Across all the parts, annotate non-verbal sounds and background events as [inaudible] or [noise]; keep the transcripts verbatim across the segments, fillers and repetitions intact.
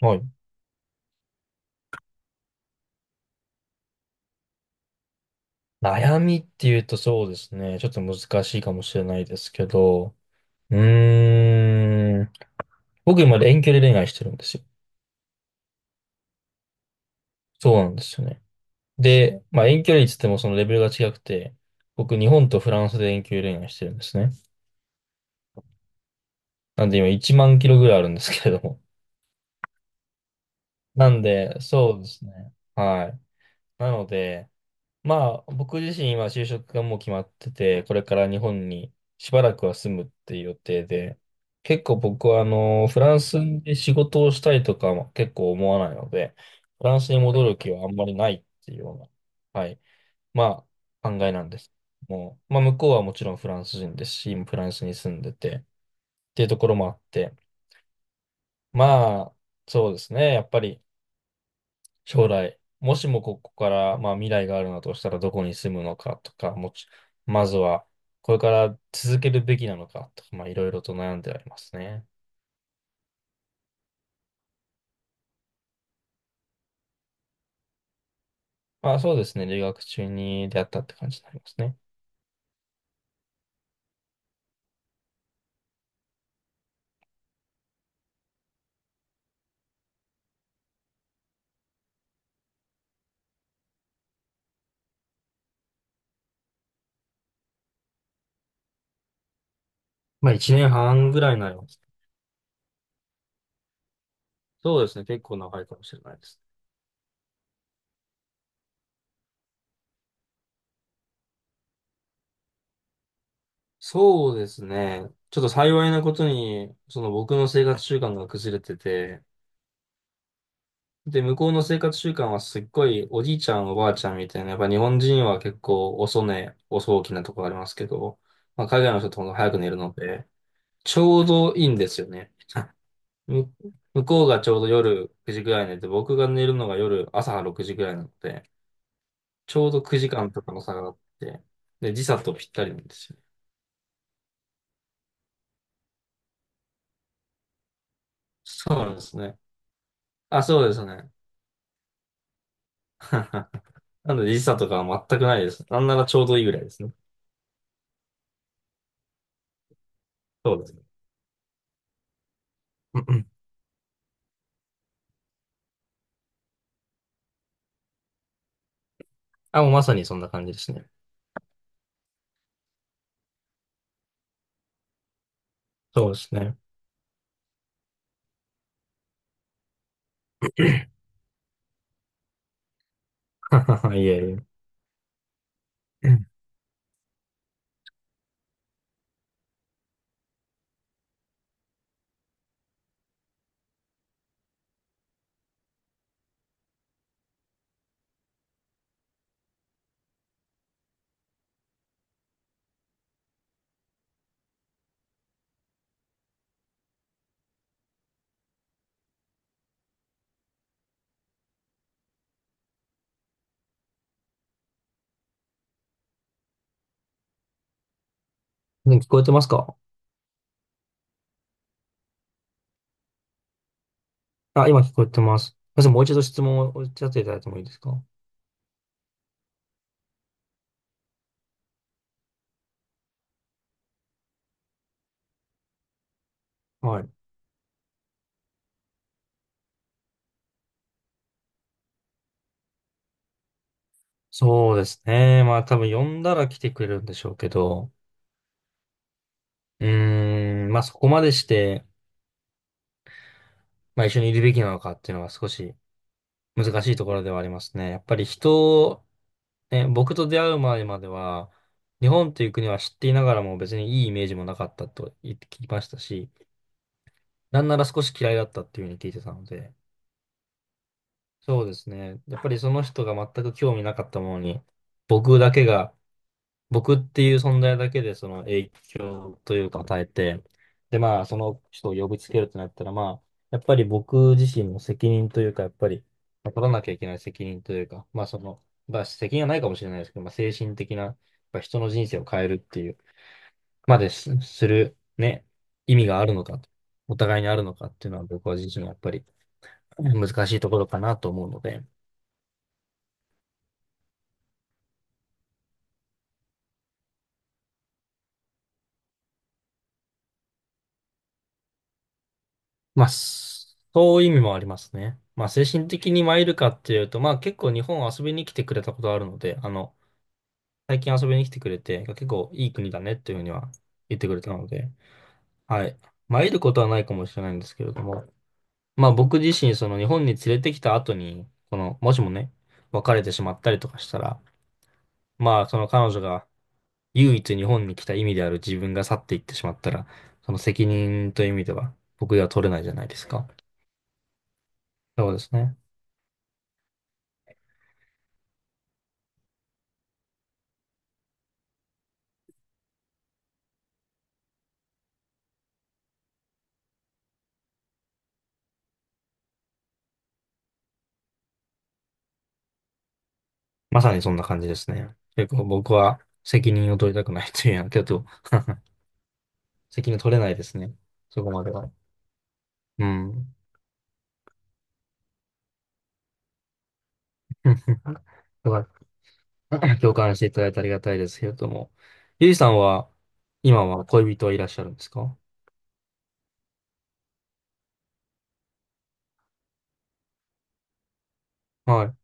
はい。悩みっていうとそうですね。ちょっと難しいかもしれないですけど。うーん。僕今遠距離恋愛してるんですよ。そうなんですよね。で、まあ遠距離って言ってもそのレベルが違くて、僕日本とフランスで遠距離恋愛してるんですね。なんで今いちまんキロぐらいあるんですけれども。なんで、そうですね。はい。なので、まあ、僕自身は就職がもう決まってて、これから日本にしばらくは住むっていう予定で、結構僕はあの、フランスで仕事をしたいとかも結構思わないので、フランスに戻る気はあんまりないっていうような、はい、まあ、考えなんです。もう、まあ、向こうはもちろんフランス人ですし、今フランスに住んでて、っていうところもあって、まあ、そうですね、やっぱり、将来、もしもここから、まあ、未来があるのだとしたらどこに住むのかとか、もち、まずはこれから続けるべきなのかとか、まあ、いろいろと悩んでありますね。まあ、そうですね。留学中に出会ったって感じになりますね。まあ、いちねんはんぐらいになります。そうですね。結構長いかもしれないです。そうですね。ちょっと幸いなことに、その僕の生活習慣が崩れてて、で、向こうの生活習慣はすっごいおじいちゃんおばあちゃんみたいな、やっぱ日本人は結構遅寝、遅起きなところありますけど、まあ、海外の人ってほんと早く寝るので、ちょうどいいんですよね。[laughs] む向こうがちょうど夜くじぐらい寝て、僕が寝るのが夜朝ろくじぐらいなので、ちょうどくじかんとかの差があって、で、時差とぴったりなんですよ。そうなんですね。あ、そうですね。[laughs] なので時差とかは全くないです。なんならちょうどいいぐらいですね。そうですね。うんうんあ、もうまさにそんな感じですね。そうですね。[laughs] [clears throat] はは、はいえいえ。うん、ね、聞こえてますか？あ、今聞こえてます。すみません、もう一度質問をおっしゃっていただいてもいいですか？はい。そうですね。まあ多分呼んだら来てくれるんでしょうけど、うーん、まあそこまでして、まあ一緒にいるべきなのかっていうのが少し難しいところではありますね。やっぱり人を、ね、僕と出会う前までは、日本という国は知っていながらも別にいいイメージもなかったと言って聞きましたし、なんなら少し嫌いだったっていうふうに聞いてたので、そうですね。やっぱりその人が全く興味なかったものに、僕だけが、僕っていう存在だけでその影響というか与えて、で、まあ、その人を呼びつけるとなったら、まあ、やっぱり僕自身の責任というか、やっぱり、まあ取らなきゃいけない責任というか、まあ、その、まあ、責任はないかもしれないですけど、まあ、精神的な、やっぱ人の人生を変えるっていう、まですする、ね、意味があるのか、お互いにあるのかっていうのは、僕は自身やっぱり難しいところかなと思うので、まあ、そういう意味もありますね。まあ、精神的に参るかっていうと、まあ、結構日本遊びに来てくれたことあるので、あの、最近遊びに来てくれて、結構いい国だねっていうふうには言ってくれたので、はい。参ることはないかもしれないんですけれども、まあ、僕自身、その日本に連れてきた後に、この、もしもね、別れてしまったりとかしたら、まあ、その彼女が唯一日本に来た意味である自分が去っていってしまったら、その責任という意味では、僕が取れないじゃないですか。そうですね。まさにそんな感じですね。結構僕は責任を取りたくないというやけど、[laughs] 責任取れないですね。そこまでは。うん。[laughs] だから [coughs] [laughs] 共感していただいてありがたいですけれども。ゆいさんは、今は恋人はいらっしゃるんですか？はい。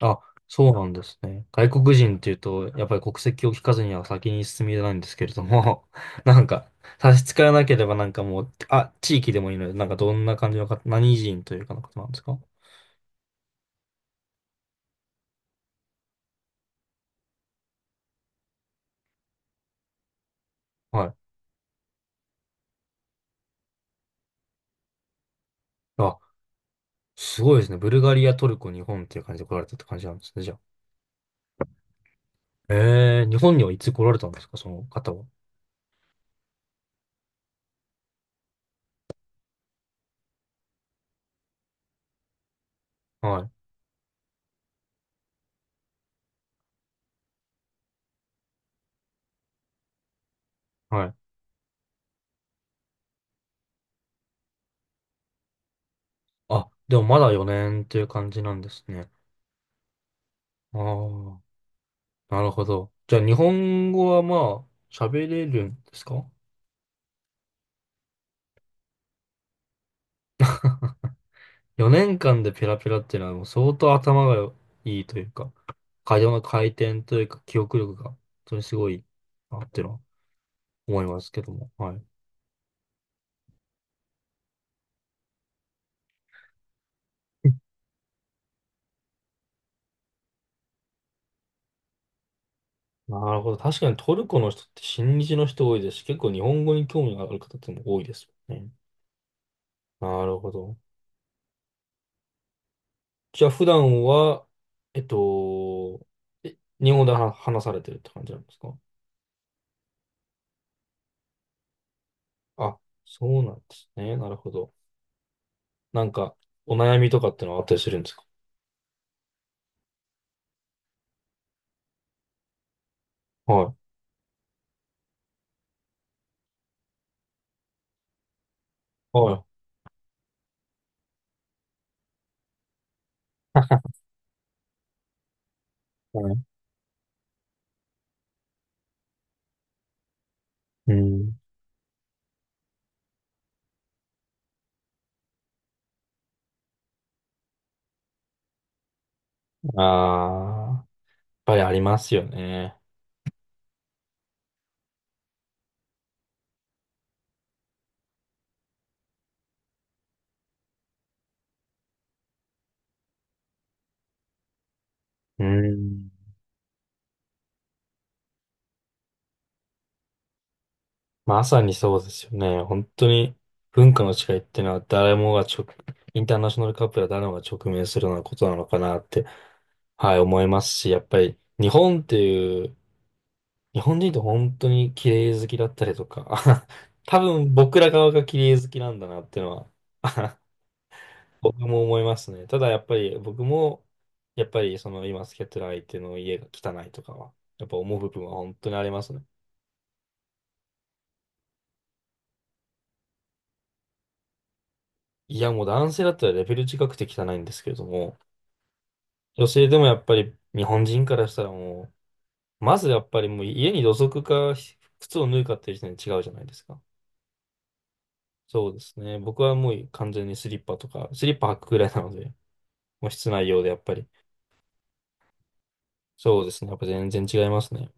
あ、そうなんですね。外国人っていうと、やっぱり国籍を聞かずには先に進みないんですけれども、[laughs] なんか、差し支えなければなんかもう、あ、地域でもいいので、なんかどんな感じの方、何人というかの方なんですか？はい。あ、すごいですね。ブルガリア、トルコ、日本っていう感じで来られたって感じなんですね、じゃあ。ええ、日本にはいつ来られたんですか、その方は。はい、はい。あ、でもまだよねんっていう感じなんですね。ああ、なるほど。じゃあ、日本語はまあ、喋れるんですか？ よ 年間でペラペラっていうのはもう相当頭がいいというか、会話の回転というか、記憶力が本当にすごいなっていうのは思いますけども。はい。なるほど。確かにトルコの人って親日の人多いですし、結構日本語に興味がある方っても多いですよね。なるほど。じゃあ普段は、えっと、え日本語で話話されてるって感じなんですか？あ、そうなんですね。なるほど。なんか、お悩みとかってのはあったりするんですか？はい。はい。[laughs] はい。うん。ああ、やっぱりありますよね。うん。まさにそうですよね。本当に文化の違いっていうのは誰もが直、インターナショナルカップルは誰もが直面するようなことなのかなって、はい、思いますし、やっぱり日本っていう、日本人って本当に綺麗好きだったりとか、[laughs] 多分僕ら側が綺麗好きなんだなっていうのは僕も思いますね。ただやっぱり僕も、やっぱりその今付き合ってる相手の家が汚いとかは、やっぱ思う部分は本当にありますね。いやもう男性だったらレベル違くて汚いんですけれども、女性でもやっぱり日本人からしたらもう、まずやっぱりもう家に土足か靴を脱いかっていう時点で違うじゃないですか。そうですね。僕はもう完全にスリッパとか、スリッパ履くくらいなので、もう室内用でやっぱり。そうですね。やっぱ全然違いますね。